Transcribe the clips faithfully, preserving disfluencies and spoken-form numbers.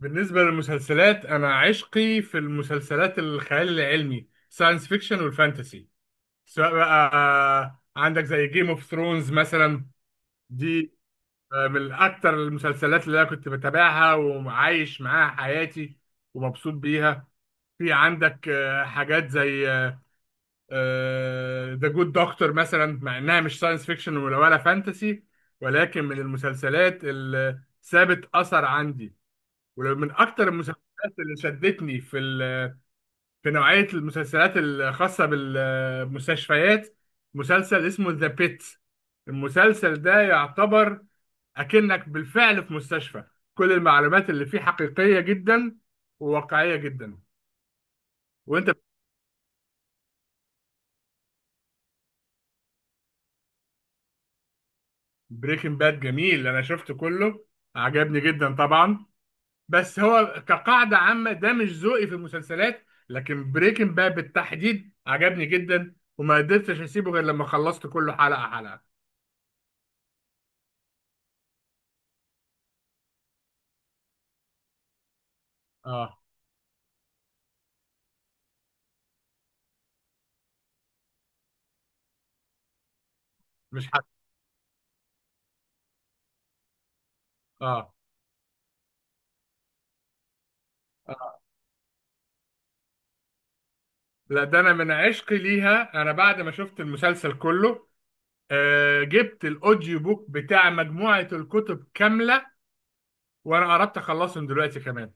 بالنسبة للمسلسلات، أنا عشقي في المسلسلات الخيال العلمي ساينس فيكشن والفانتسي، سواء بقى آه، عندك زي جيم اوف ثرونز مثلا. دي آه، من أكتر المسلسلات اللي أنا كنت بتابعها وعايش معاها حياتي ومبسوط بيها. في عندك آه، حاجات زي ذا جود دكتور مثلا، مع إنها مش ساينس فيكشن ولا ولا فانتسي، ولكن من المسلسلات اللي سابت أثر عندي، ومن اكتر المسلسلات اللي شدتني في ال... في نوعيه المسلسلات الخاصه بالمستشفيات. مسلسل اسمه ذا بيت. المسلسل ده يعتبر اكنك بالفعل في مستشفى، كل المعلومات اللي فيه حقيقيه جدا وواقعيه جدا. وانت؟ بريكنج باد جميل، انا شفته كله، عجبني جدا طبعا. بس هو كقاعدة عامة ده مش ذوقي في المسلسلات، لكن بريكنج باد بالتحديد عجبني جدا وما قدرتش اسيبه غير لما خلصت كله حلقة حلقة. اه، مش حلقة. اه. آه. لا، ده انا من عشقي ليها، انا بعد ما شفت المسلسل كله آه جبت الاوديو بوك بتاع مجموعة الكتب كاملة، وانا قربت اخلصهم دلوقتي كمان.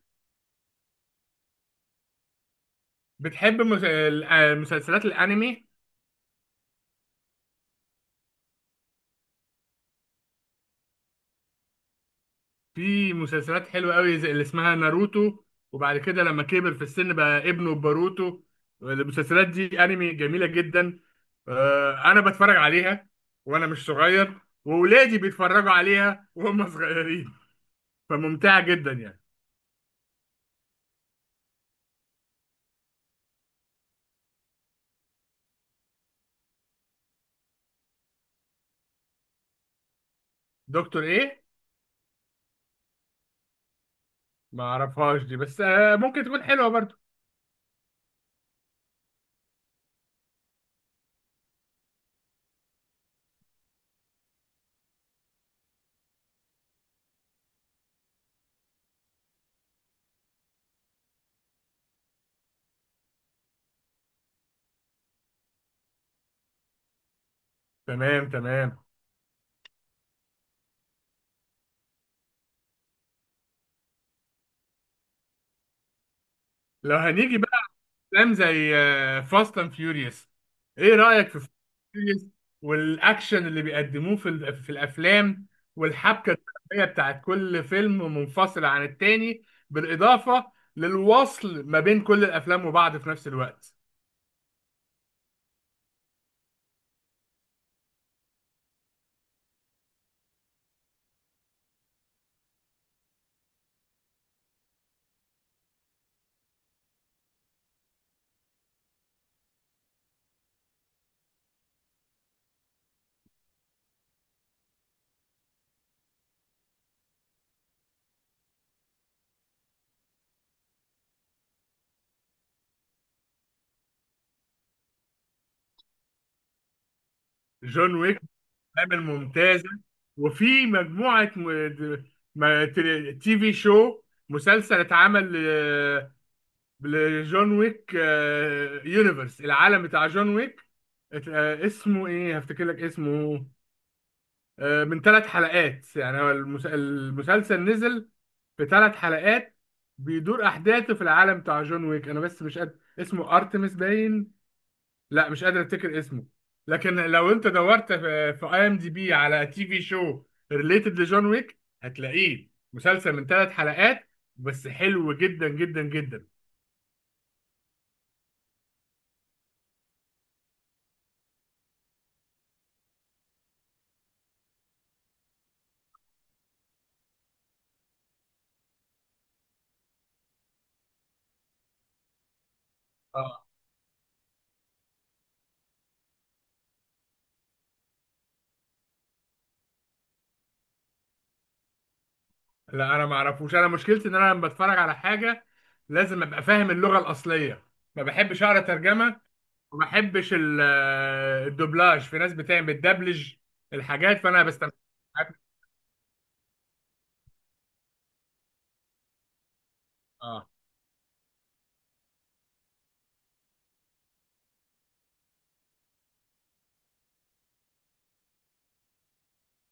بتحب مس- آه، المسلسلات الانمي؟ في مسلسلات حلوة قوي زي اللي اسمها ناروتو، وبعد كده لما كبر في السن بقى ابنه باروتو. المسلسلات دي انمي جميلة جدا، آه، انا بتفرج عليها وانا مش صغير، واولادي بيتفرجوا عليها وهم صغيرين، فممتعة جدا يعني. دكتور ايه؟ ما اعرفهاش دي، بس آه، ممكن تكون حلوة برضو. تمام، تمام. لو هنيجي افلام زي فاست اند فيوريوس، ايه رايك في فاست اند فيوريوس والاكشن اللي بيقدموه في ال- في الافلام، والحبكه الدراميه بتاعت كل فيلم منفصل عن التاني، بالاضافه للوصل ما بين كل الافلام وبعض في نفس الوقت؟ جون ويك عامل ممتازه. وفي مجموعه م... د- ما... تي في شو، مسلسل اتعمل آه، لجون ويك، آه، يونيفرس العالم بتاع جون ويك. ات- آه، اسمه ايه، هفتكر لك اسمه. آه، من ثلاث حلقات، يعني هو المس- المسلسل نزل في ثلاث حلقات، بيدور احداثه في العالم بتاع جون ويك. انا بس مش قادر اسمه، ارتمس باين؟ لا، مش قادر افتكر اسمه. لكن لو انت دورت في اي ام دي بي على تي في شو ريليتد لجون ويك، هتلاقيه مسلسل من ثلاث حلقات بس، حلو جدا جدا جدا. لا، انا ما اعرفوش. انا مشكلتي ان انا لما بتفرج على حاجه لازم ابقى فاهم اللغه الاصليه، ما بحبش اقرا ترجمه، وما بحبش ال- آه، الدوبلاج. في ناس بتعمل بتدبلج الحاجات، فانا بستمتع بالحاجات. اه.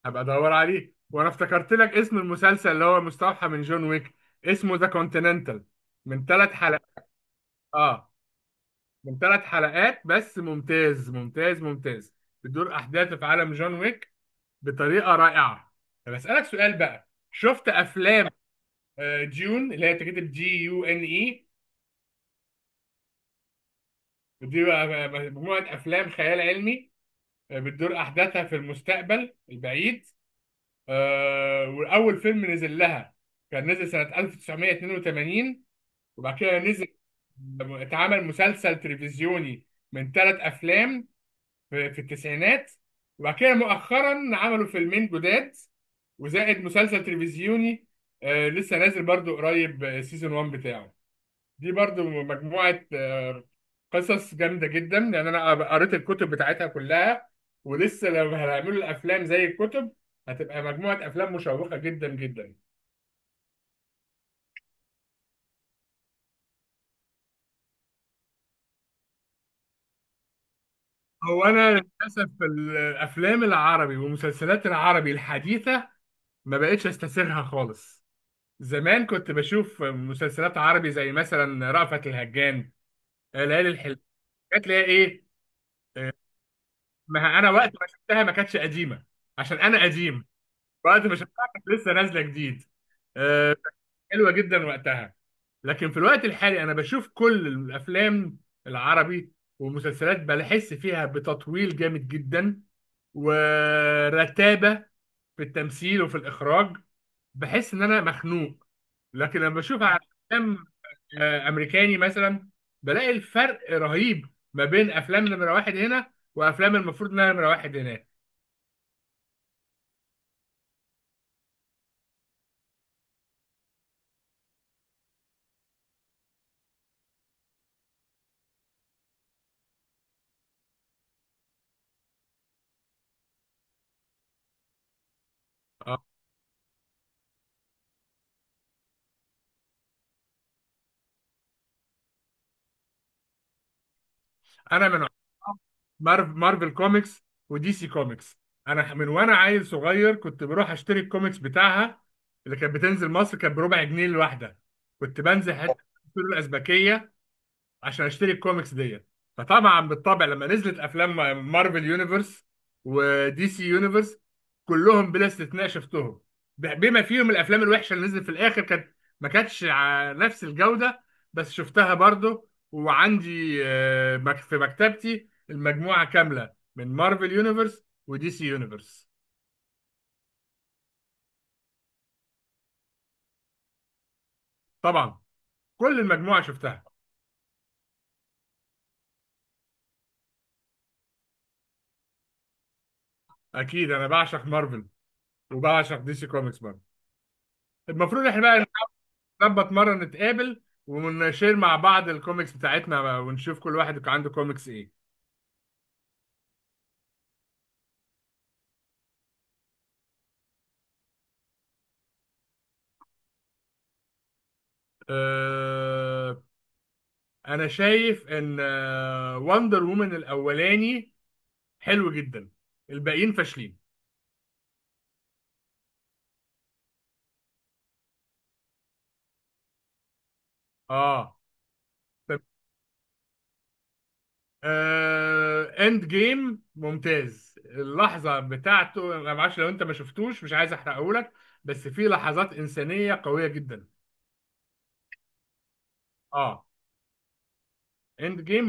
هبقى ادور عليه، وانا افتكرت لك اسم المسلسل اللي هو مستوحى من جون ويك، اسمه ذا كونتيننتال، من ثلاث حلقات. اه، من ثلاث حلقات بس، ممتاز ممتاز ممتاز. بتدور احداثه في عالم جون ويك بطريقه رائعه. طب اسالك سؤال بقى، شفت افلام آه، جون، اللي هي بتتكتب جي يو ان اي؟ دي بقى بقى مجموعة أفلام خيال علمي، آه، بتدور أحداثها في المستقبل البعيد. آه، وأول فيلم نزل لها كان نزل سنة ألف وتسعمئة واثنين وثمانين، وبعد كده نزل آه، اتعمل مسلسل تلفزيوني من ثلاث أفلام في في التسعينات. وبعد كده مؤخرا عملوا فيلمين جداد وزائد مسلسل تلفزيوني آه، لسه نازل برضو قريب، آه، سيزون واحد بتاعه. دي برضو مجموعة آه، قصص جامدة جدا، يعني أنا قريت الكتب بتاعتها كلها، ولسه لو هنعملوا الأفلام زي الكتب، هتبقى مجموعة أفلام مشوقة جدا جدا. هو أنا للأسف الأفلام العربي والمسلسلات العربي الحديثة ما بقتش أستسيغها خالص. زمان كنت بشوف مسلسلات عربي زي مثلا رأفت الهجان، آه، ليالي الحلم، كانت ليها إيه. آه، ما أنا وقت ما شفتها ما كانتش قديمة، عشان أنا قديم. وقت ما شفتها كانت لسه نازله جديد، آه، حلوه جدا وقتها. لكن في الوقت الحالي انا بشوف كل الافلام العربي والمسلسلات، بحس فيها بتطويل جامد جدا ورتابه في التمثيل وفي الاخراج، بحس ان انا مخنوق. لكن لما بشوف على افلام آه، امريكاني مثلا، بلاقي الفرق رهيب ما بين افلام نمره واحد هنا وافلام المفروض انها نمره واحد هناك. آه، انا من مارف مارفل كوميكس ودي سي كوميكس. انا من وانا عيل صغير كنت بروح اشتري الكوميكس بتاعها، اللي كانت بتنزل مصر كانت بربع جنيه الواحده. كنت بنزل حته الفول الازبكيه عشان اشتري الكوميكس ديت. فطبعا بالطبع لما نزلت افلام مارفل يونيفرس ودي سي يونيفرس، كلهم بلا استثناء شفتهم، ب- بما فيهم الافلام الوحشه اللي نزلت في الاخر، كانت ما كانتش على نفس الجوده، بس شفتها برضو. وعندي آه، مك- في مكتبتي المجموعه كامله من مارفل يونيفرس ودي سي يونيفرس. طبعا، كل المجموعه شفتها. اكيد انا بعشق مارفل وبعشق دي سي كوميكس برضه. المفروض احنا بقى نظبط مرة نتقابل ونشير مع بعض الكوميكس بتاعتنا، ونشوف كل واحد كان عنده كوميكس ايه. أه، انا شايف ان وندر وومن الاولاني حلو جدا، الباقيين فاشلين. اه. طب أه، اند جيم ممتاز، اللحظة بتاعته انا معرفش لو انت ما شفتوش، مش عايز احرقهولك، بس في لحظات انسانية قوية جدا. اه، اند جيم.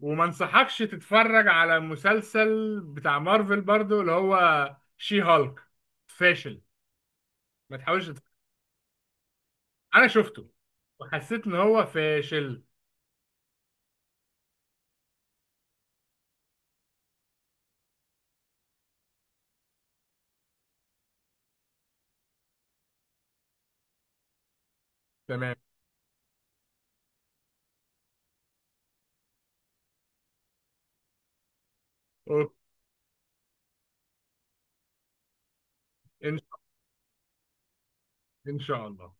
وما انصحكش تتفرج على مسلسل بتاع مارفل برضو اللي هو شي هالك، فاشل. ما تحاولش تت- انا شفته وحسيت ان هو فاشل. تمام. أوك. ان إن شاء الله.